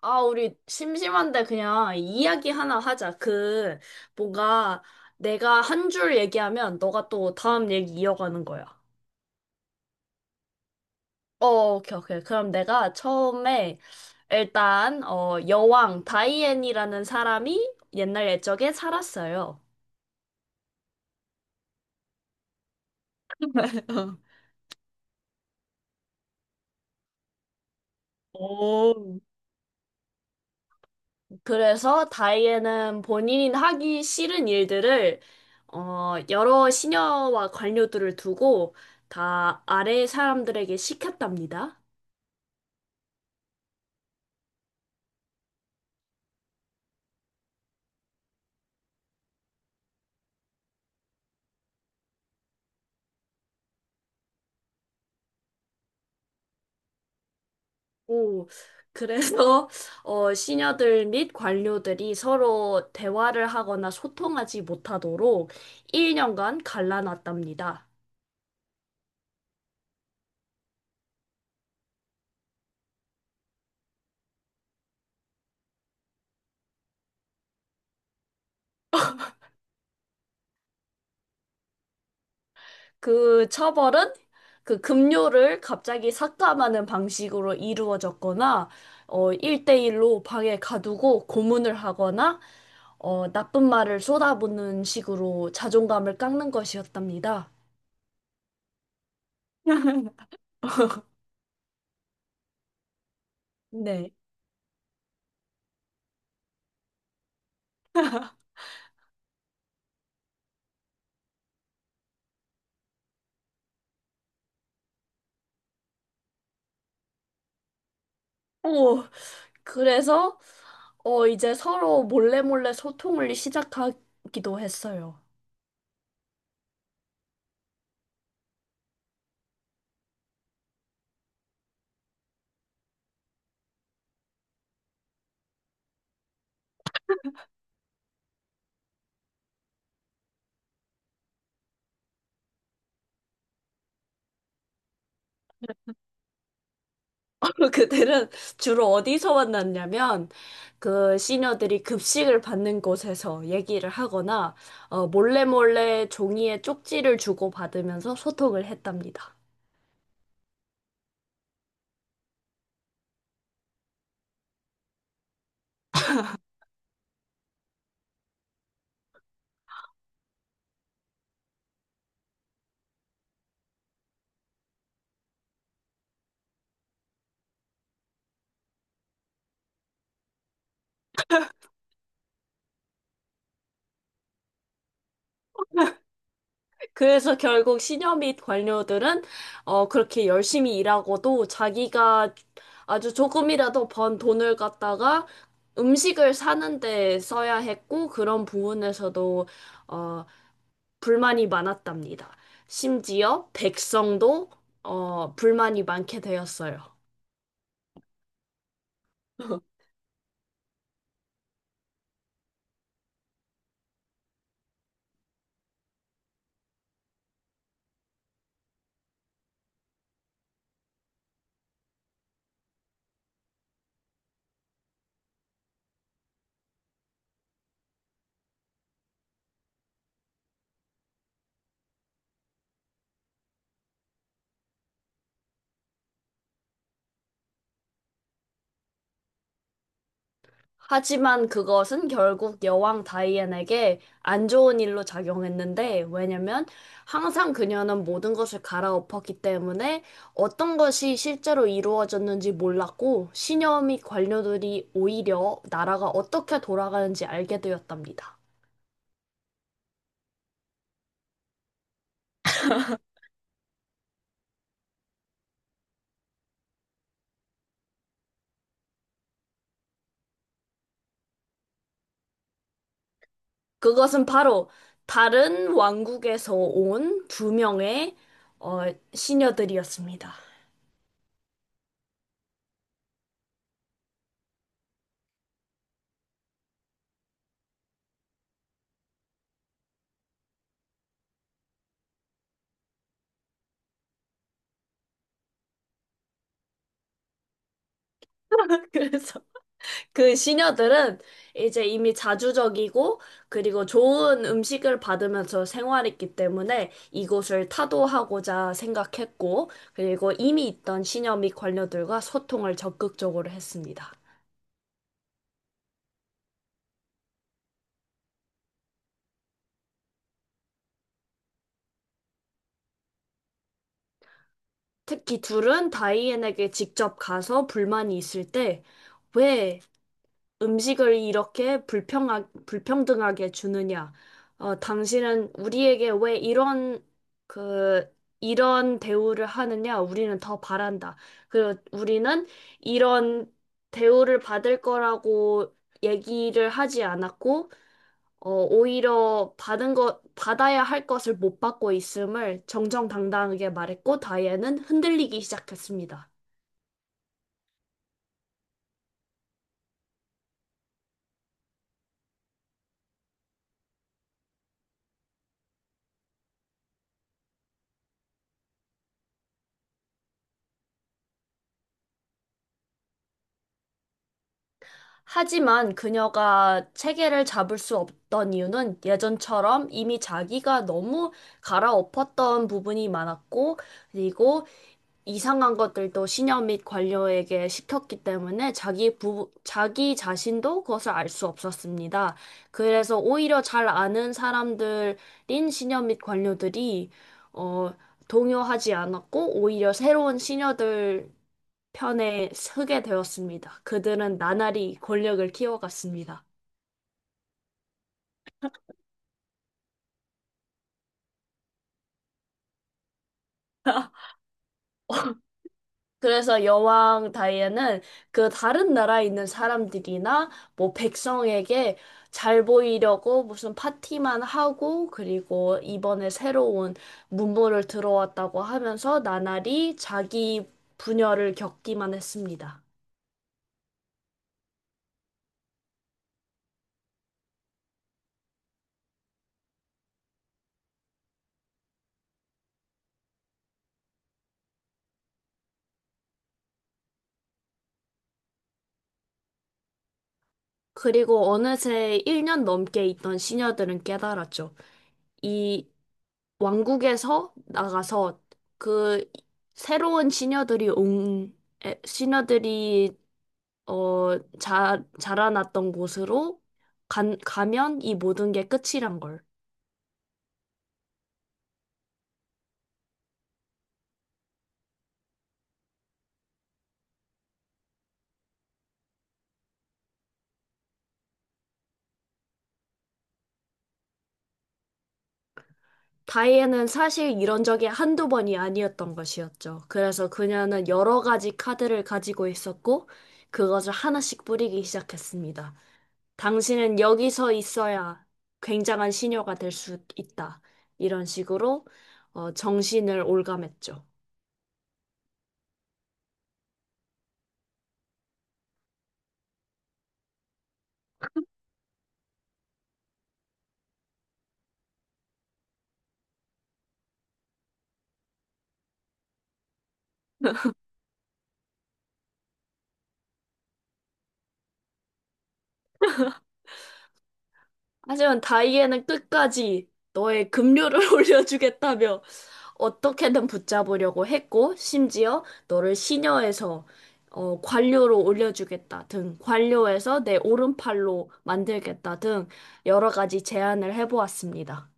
아, 우리 심심한데 그냥 이야기 하나 하자. 뭔가 내가 한 줄 얘기하면 너가 또 다음 얘기 이어가는 거야. 어, 오케이, 오케이. 그럼 내가 처음에 일단, 여왕 다이앤이라는 사람이 옛날 옛적에 살았어요. 오, 그래서 다이앤은 본인이 하기 싫은 일들을 여러 시녀와 관료들을 두고 다 아래 사람들에게 시켰답니다. 오, 그래서 시녀들 및 관료들이 서로 대화를 하거나 소통하지 못하도록 1년간 갈라놨답니다. 그 처벌은 그 급료를 갑자기 삭감하는 방식으로 이루어졌거나 1:1로 방에 가두고 고문을 하거나 나쁜 말을 쏟아붓는 식으로 자존감을 깎는 것이었답니다. 네. 오, 그래서 이제 서로 몰래 몰래 소통을 시작하기도 했어요. 그들은 주로 어디서 만났냐면 그 시녀들이 급식을 받는 곳에서 얘기를 하거나 몰래 몰래 종이에 쪽지를 주고받으면서 소통을 했답니다. 그래서 결국 시녀 및 관료들은 그렇게 열심히 일하고도 자기가 아주 조금이라도 번 돈을 갖다가 음식을 사는 데 써야 했고 그런 부분에서도 어, 불만이 많았답니다. 심지어 백성도 불만이 많게 되었어요. 하지만 그것은 결국 여왕 다이앤에게 안 좋은 일로 작용했는데, 왜냐면 항상 그녀는 모든 것을 갈아엎었기 때문에 어떤 것이 실제로 이루어졌는지 몰랐고, 신녀 및 관료들이 오히려 나라가 어떻게 돌아가는지 알게 되었답니다. 그것은 바로 다른 왕국에서 온 두 명의 어, 시녀들이었습니다. 그래서 그 시녀들은 이제 이미 자주적이고 그리고 좋은 음식을 받으면서 생활했기 때문에 이곳을 타도하고자 생각했고 그리고 이미 있던 시녀 및 관료들과 소통을 적극적으로 했습니다. 특히 둘은 다이앤에게 직접 가서 불만이 있을 때왜 음식을 이렇게 불평등하게 주느냐? 당신은 우리에게 왜 이런 그 이런 대우를 하느냐? 우리는 더 바란다. 그리고 우리는 이런 대우를 받을 거라고 얘기를 하지 않았고, 오히려 받은 것, 받아야 할 것을 못 받고 있음을 정정당당하게 말했고, 다이앤은 흔들리기 시작했습니다. 하지만 그녀가 체계를 잡을 수 없던 이유는 예전처럼 이미 자기가 너무 갈아엎었던 부분이 많았고, 그리고 이상한 것들도 시녀 및 관료에게 시켰기 때문에 자기 자신도 그것을 알 수 없었습니다. 그래서 오히려 잘 아는 사람들인 시녀 및 관료들이, 어, 동요하지 않았고, 오히려 새로운 시녀들 편에 서게 되었습니다. 그들은 나날이 권력을 키워갔습니다. 그래서 여왕 다이애는 그 다른 나라에 있는 사람들이나 뭐 백성에게 잘 보이려고 무슨 파티만 하고 그리고 이번에 새로운 문물을 들어왔다고 하면서 나날이 자기 분열을 겪기만 했습니다. 그리고 어느새 1년 넘게 있던 시녀들은 깨달았죠. 이 왕국에서 나가서 그 새로운 시녀들이 온 시녀들이 자라났던 곳으로 가면 이 모든 게 끝이란 걸. 다이앤은 사실 이런 적이 한두 번이 아니었던 것이었죠. 그래서 그녀는 여러 가지 카드를 가지고 있었고, 그것을 하나씩 뿌리기 시작했습니다. 당신은 여기서 있어야 굉장한 시녀가 될 수 있다. 이런 식으로 정신을 올감했죠. 하지만 다이앤은 끝까지 너의 급료를 올려주겠다며 어떻게든 붙잡으려고 했고, 심지어 너를 시녀에서 관료로 올려주겠다 등, 관료에서 내 오른팔로 만들겠다 등 여러 가지 제안을 해보았습니다.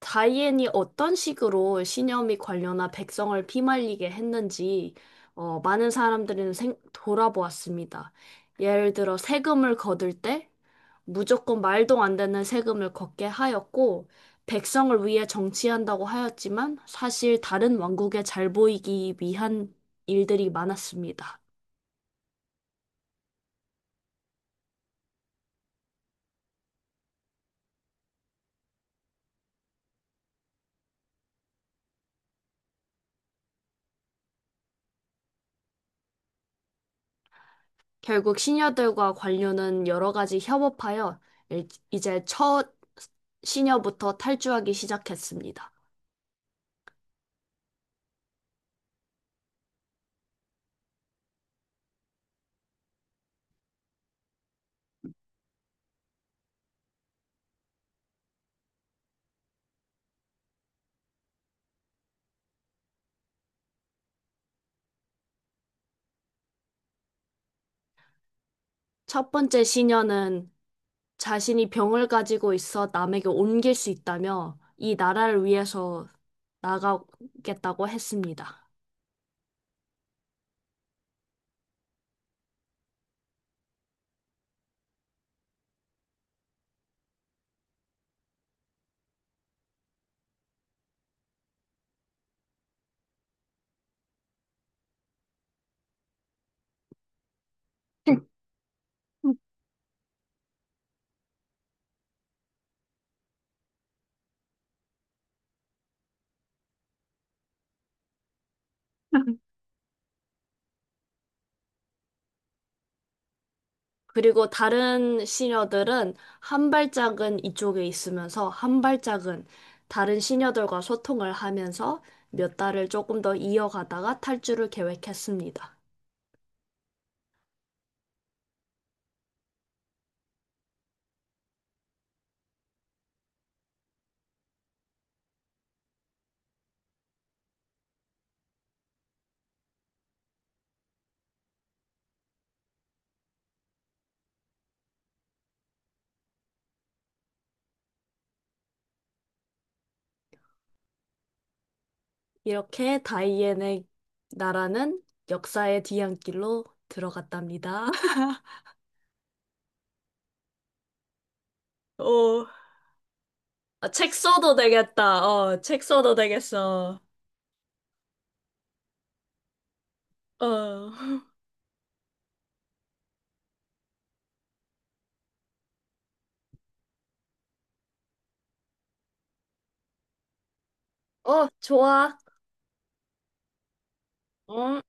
다이앤이 어떤 식으로 신념이 관련한 백성을 피말리게 했는지 많은 사람들은 돌아보았습니다. 예를 들어 세금을 거둘 때 무조건 말도 안 되는 세금을 걷게 하였고 백성을 위해 정치한다고 하였지만 사실 다른 왕국에 잘 보이기 위한 일들이 많았습니다. 결국 시녀들과 관료는 여러 가지 협업하여 이제 첫 시녀부터 탈주하기 시작했습니다. 첫 번째 시녀는 자신이 병을 가지고 있어 남에게 옮길 수 있다며 이 나라를 위해서 나가겠다고 했습니다. 그리고 다른 시녀들은 한 발짝은 이쪽에 있으면서 한 발짝은 다른 시녀들과 소통을 하면서 몇 달을 조금 더 이어가다가 탈주를 계획했습니다. 이렇게 다이앤의 나라는 역사의 뒤안길로 들어갔답니다. 어, 아, 책 써도 되겠다. 책 써도 되겠어. 어, 좋아. 응?